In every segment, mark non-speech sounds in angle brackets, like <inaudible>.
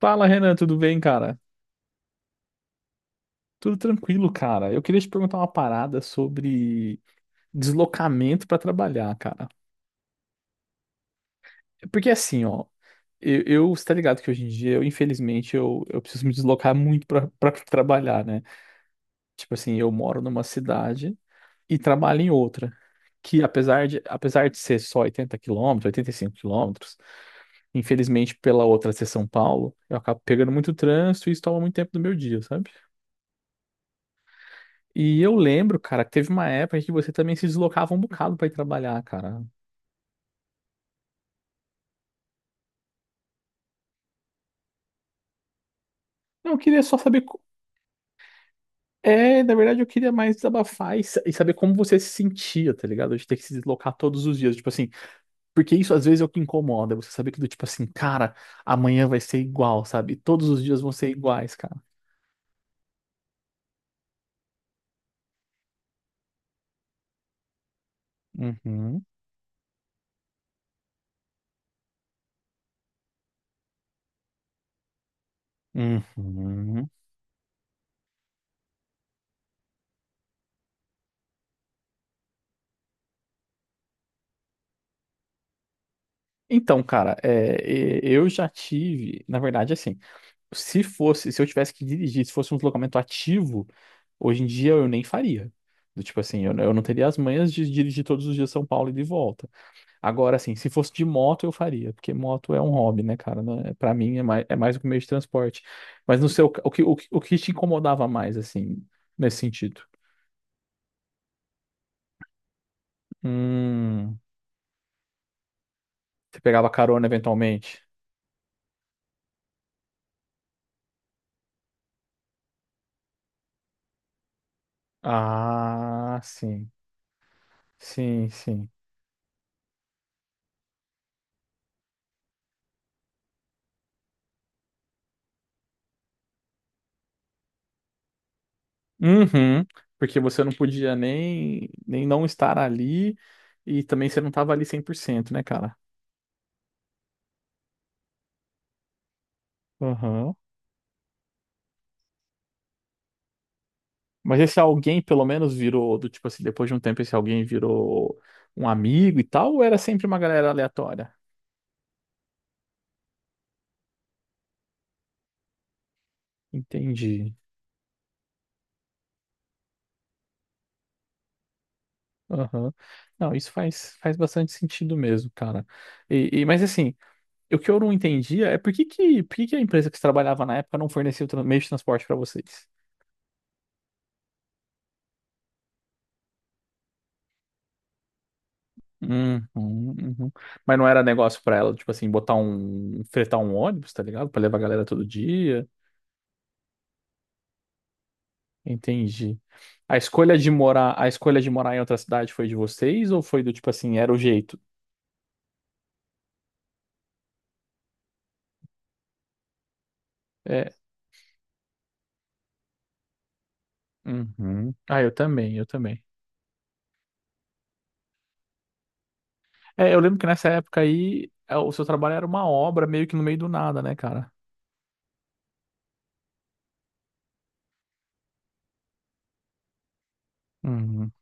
Fala, Renan, tudo bem, cara? Tudo tranquilo, cara. Eu queria te perguntar uma parada sobre deslocamento pra trabalhar, cara. Porque assim, ó, eu você tá ligado que hoje em dia, infelizmente, eu preciso me deslocar muito pra trabalhar, né? Tipo assim, eu moro numa cidade e trabalho em outra. Que apesar de ser só 80 quilômetros, 85 quilômetros, infelizmente, pela outra ser São Paulo, eu acabo pegando muito trânsito e isso toma muito tempo do meu dia, sabe? E eu lembro, cara, que teve uma época que você também se deslocava um bocado pra ir trabalhar, cara. Não, eu queria só saber. É, na verdade, eu queria mais desabafar e saber como você se sentia, tá ligado? De ter que se deslocar todos os dias, tipo assim. Porque isso às vezes é o que incomoda, você saber que do tipo assim, cara, amanhã vai ser igual, sabe? Todos os dias vão ser iguais, cara. Uhum, uhum. Então, cara, eu já tive, na verdade, assim. Se eu tivesse que dirigir, se fosse um deslocamento ativo, hoje em dia eu nem faria. Do tipo assim, eu não teria as manhas de dirigir todos os dias São Paulo e de volta. Agora, assim, se fosse de moto, eu faria, porque moto é um hobby, né, cara? Né? Para mim é mais, do que um meio de transporte. Mas no seu, o que te incomodava mais, assim, nesse sentido? Hum, você pegava carona eventualmente? Ah, sim. Sim, sim. Uhum, porque você não podia nem não estar ali e também você não tava ali 100%, né, cara? Uhum. Mas esse alguém pelo menos virou, do tipo assim, depois de um tempo esse alguém virou um amigo e tal, ou era sempre uma galera aleatória? Entendi. Aham. Não, isso faz bastante sentido mesmo, cara. Mas assim, o que eu não entendia é por que que a empresa que você trabalhava na época não fornecia o meio de transporte pra vocês? Uhum, uhum. Mas não era negócio pra ela, tipo assim, botar um, fretar um ônibus, tá ligado? Pra levar a galera todo dia. Entendi. A escolha de morar em outra cidade foi de vocês ou foi do tipo assim, era o jeito? É. Uhum. Ah, eu também, eu também. É, eu lembro que nessa época aí, o seu trabalho era uma obra meio que no meio do nada, né, cara? Uhum.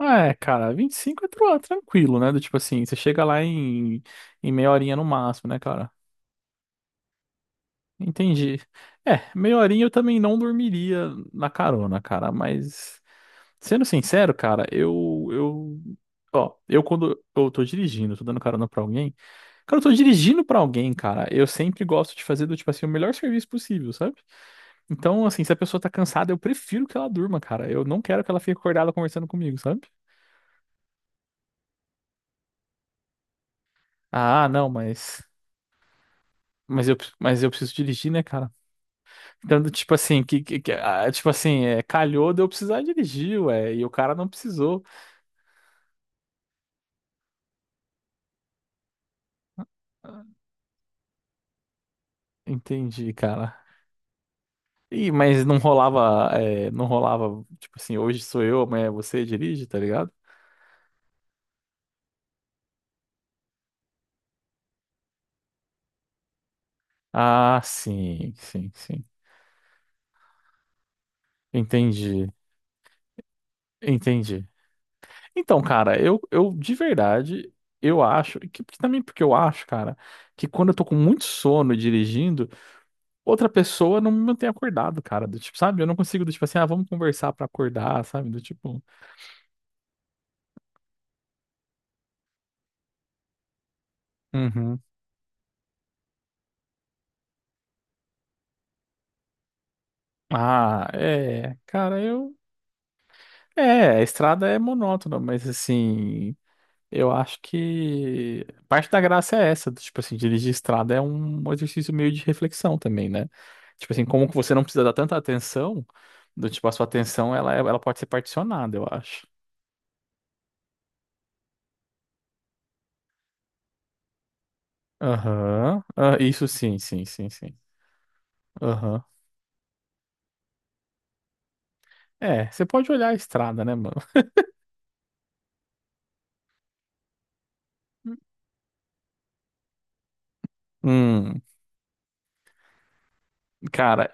É, cara, 25 é tranquilo, né? Do tipo assim, você chega lá em meia horinha no máximo, né, cara? Entendi. É, meia horinha eu também não dormiria na carona, cara, mas sendo sincero, cara, eu ó, eu quando eu tô dirigindo, tô dando carona pra alguém, cara, eu tô dirigindo pra alguém, cara, eu sempre gosto de fazer do tipo assim o melhor serviço possível, sabe? Então, assim, se a pessoa tá cansada, eu prefiro que ela durma, cara. Eu não quero que ela fique acordada conversando comigo, sabe? Ah, não, mas eu preciso dirigir, né, cara? Dando tipo assim, ah, tipo assim, calhou de eu precisar dirigir, ué, e o cara não precisou. Ah, entendi, cara. Ih, mas não rolava, não rolava, tipo assim, hoje sou eu, amanhã é você dirige, tá ligado? Ah, sim, sim, sim. Entendi, entendi. Então, cara, eu de verdade, eu acho, que também porque eu acho, cara, que quando eu tô com muito sono dirigindo, outra pessoa não me mantém acordado, cara. Do tipo, sabe? Eu não consigo, do tipo assim, ah, vamos conversar pra acordar, sabe? Do tipo. Uhum. Ah, é. Cara, eu. É, a estrada é monótona, mas assim, eu acho que parte da graça é essa, do, tipo assim, dirigir estrada é um exercício meio de reflexão também, né? Tipo assim, como que você não precisa dar tanta atenção, do tipo, a sua atenção, ela, ela pode ser particionada, eu acho. Aham. Ah, isso sim, sim, sim, sim. Aham. É, você pode olhar a estrada, né, mano? <laughs> Hum, cara,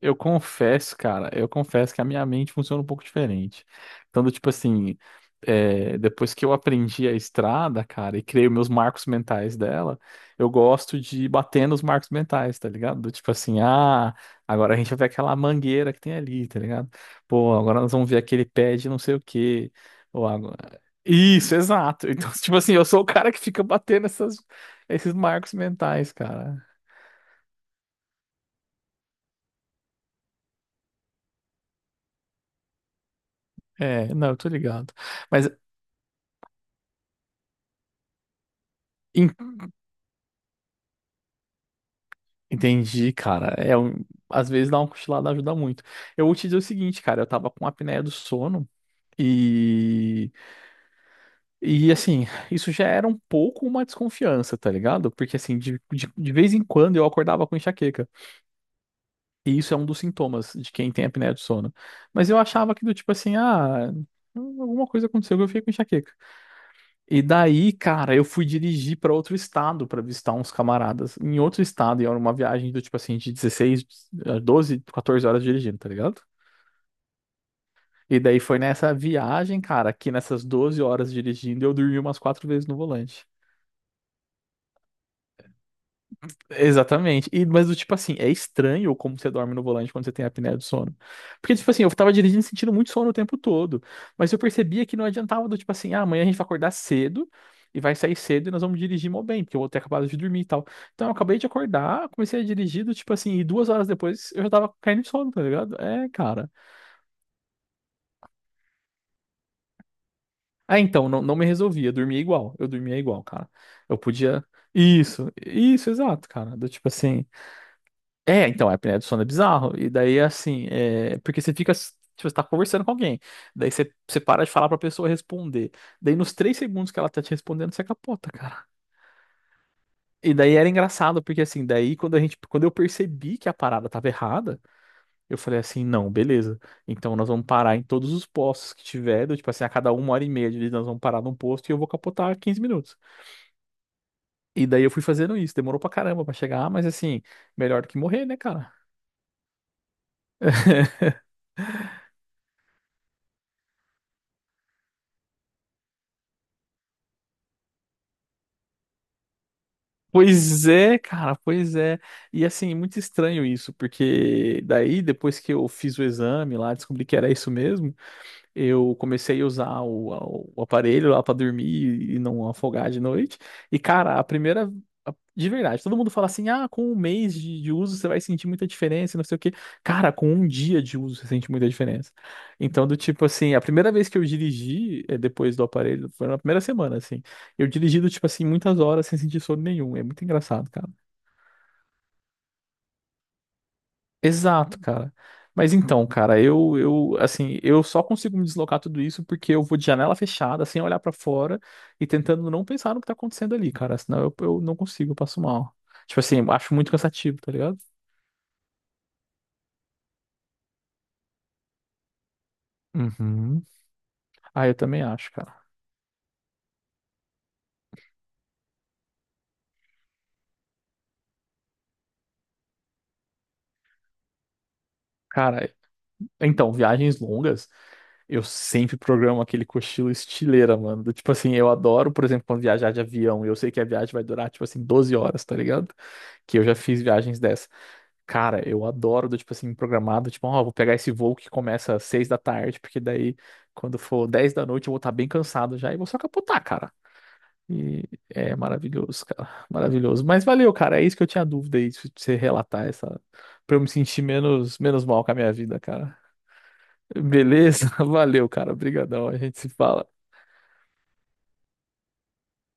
eu confesso, cara, eu confesso que a minha mente funciona um pouco diferente. Então, do tipo assim, depois que eu aprendi a estrada, cara, e criei os meus marcos mentais dela, eu gosto de bater nos marcos mentais, tá ligado? Do tipo assim, ah, agora a gente vai ver aquela mangueira que tem ali, tá ligado? Pô, agora nós vamos ver aquele pé de não sei o quê. Ou agora. Isso, exato. Então, <laughs> tipo assim, eu sou o cara que fica batendo esses marcos mentais, cara. É, não, eu tô ligado. Mas. Entendi, cara. É, às vezes dar uma cochilada ajuda muito. Eu vou te dizer o seguinte, cara, eu tava com apneia do sono e e assim, <laughs> isso já era um pouco uma desconfiança, tá ligado? Porque assim, de vez em quando eu acordava com enxaqueca. E isso é um dos sintomas de quem tem apneia do sono. Mas eu achava que do tipo assim, ah, alguma coisa aconteceu que eu fiquei com enxaqueca. E daí, cara, eu fui dirigir para outro estado para visitar uns camaradas em outro estado, e era uma viagem do tipo assim de 16 12, 14 horas dirigindo, tá ligado? E daí foi nessa viagem, cara, que nessas 12 horas dirigindo eu dormi umas quatro vezes no volante. Exatamente. E, mas do tipo assim, é estranho como você dorme no volante quando você tem apneia do sono. Porque, tipo assim, eu tava dirigindo sentindo muito sono o tempo todo. Mas eu percebia que não adiantava do tipo assim, ah, amanhã a gente vai acordar cedo e vai sair cedo e nós vamos dirigir mó bem, porque eu vou ter acabado de dormir e tal. Então eu acabei de acordar, comecei a dirigir, do tipo assim, e 2 horas depois eu já tava caindo de sono, tá ligado? É, cara. Ah, então, não, não me resolvia, eu dormia igual. Eu dormia igual, cara. Eu podia. Isso, exato, cara. Do tipo assim. É, então, a apneia do sono é bizarro. E daí, assim, porque você fica, tipo, você tá conversando com alguém. Daí você para de falar pra pessoa responder. Daí, nos 3 segundos que ela tá te respondendo, você capota, cara. E daí era engraçado, porque assim, daí quando eu percebi que a parada tava errada, eu falei assim, não, beleza. Então nós vamos parar em todos os postos que tiver, do, tipo assim, a cada uma hora e meia de nós vamos parar num posto e eu vou capotar 15 minutos. E daí eu fui fazendo isso, demorou pra caramba pra chegar, mas assim, melhor do que morrer, né, cara? <laughs> Pois é, cara, pois é. E assim, muito estranho isso, porque daí depois que eu fiz o exame lá, descobri que era isso mesmo. Eu comecei a usar o aparelho lá pra dormir e não afogar de noite. E, cara, De verdade, todo mundo fala assim: ah, com um mês de uso você vai sentir muita diferença, e não sei o quê. Cara, com um dia de uso você sente muita diferença. Então, do tipo assim, a primeira vez que eu dirigi depois do aparelho, foi na primeira semana, assim. Eu dirigi do tipo assim, muitas horas sem sentir sono nenhum. É muito engraçado, cara. Exato, cara. Mas então, cara, assim, eu só consigo me deslocar tudo isso porque eu vou de janela fechada, sem olhar pra fora e tentando não pensar no que tá acontecendo ali, cara. Senão eu não consigo, eu passo mal. Tipo assim, eu acho muito cansativo, tá ligado? Uhum. Ah, eu também acho, cara. Cara, então, viagens longas, eu sempre programo aquele cochilo estileira, mano. Do tipo assim, eu adoro, por exemplo, quando viajar de avião, e eu sei que a viagem vai durar, tipo assim, 12 horas, tá ligado? Que eu já fiz viagens dessas. Cara, eu adoro do tipo assim, programado, tipo, ó, vou pegar esse voo que começa às seis da tarde, porque daí, quando for dez da noite, eu vou estar bem cansado já e vou só capotar, cara. E é maravilhoso, cara. Maravilhoso. Mas valeu, cara. É isso que eu tinha dúvida aí, se você relatar essa, pra eu me sentir menos, menos mal com a minha vida, cara. Beleza? <laughs> Valeu, cara. Obrigadão. A gente se fala.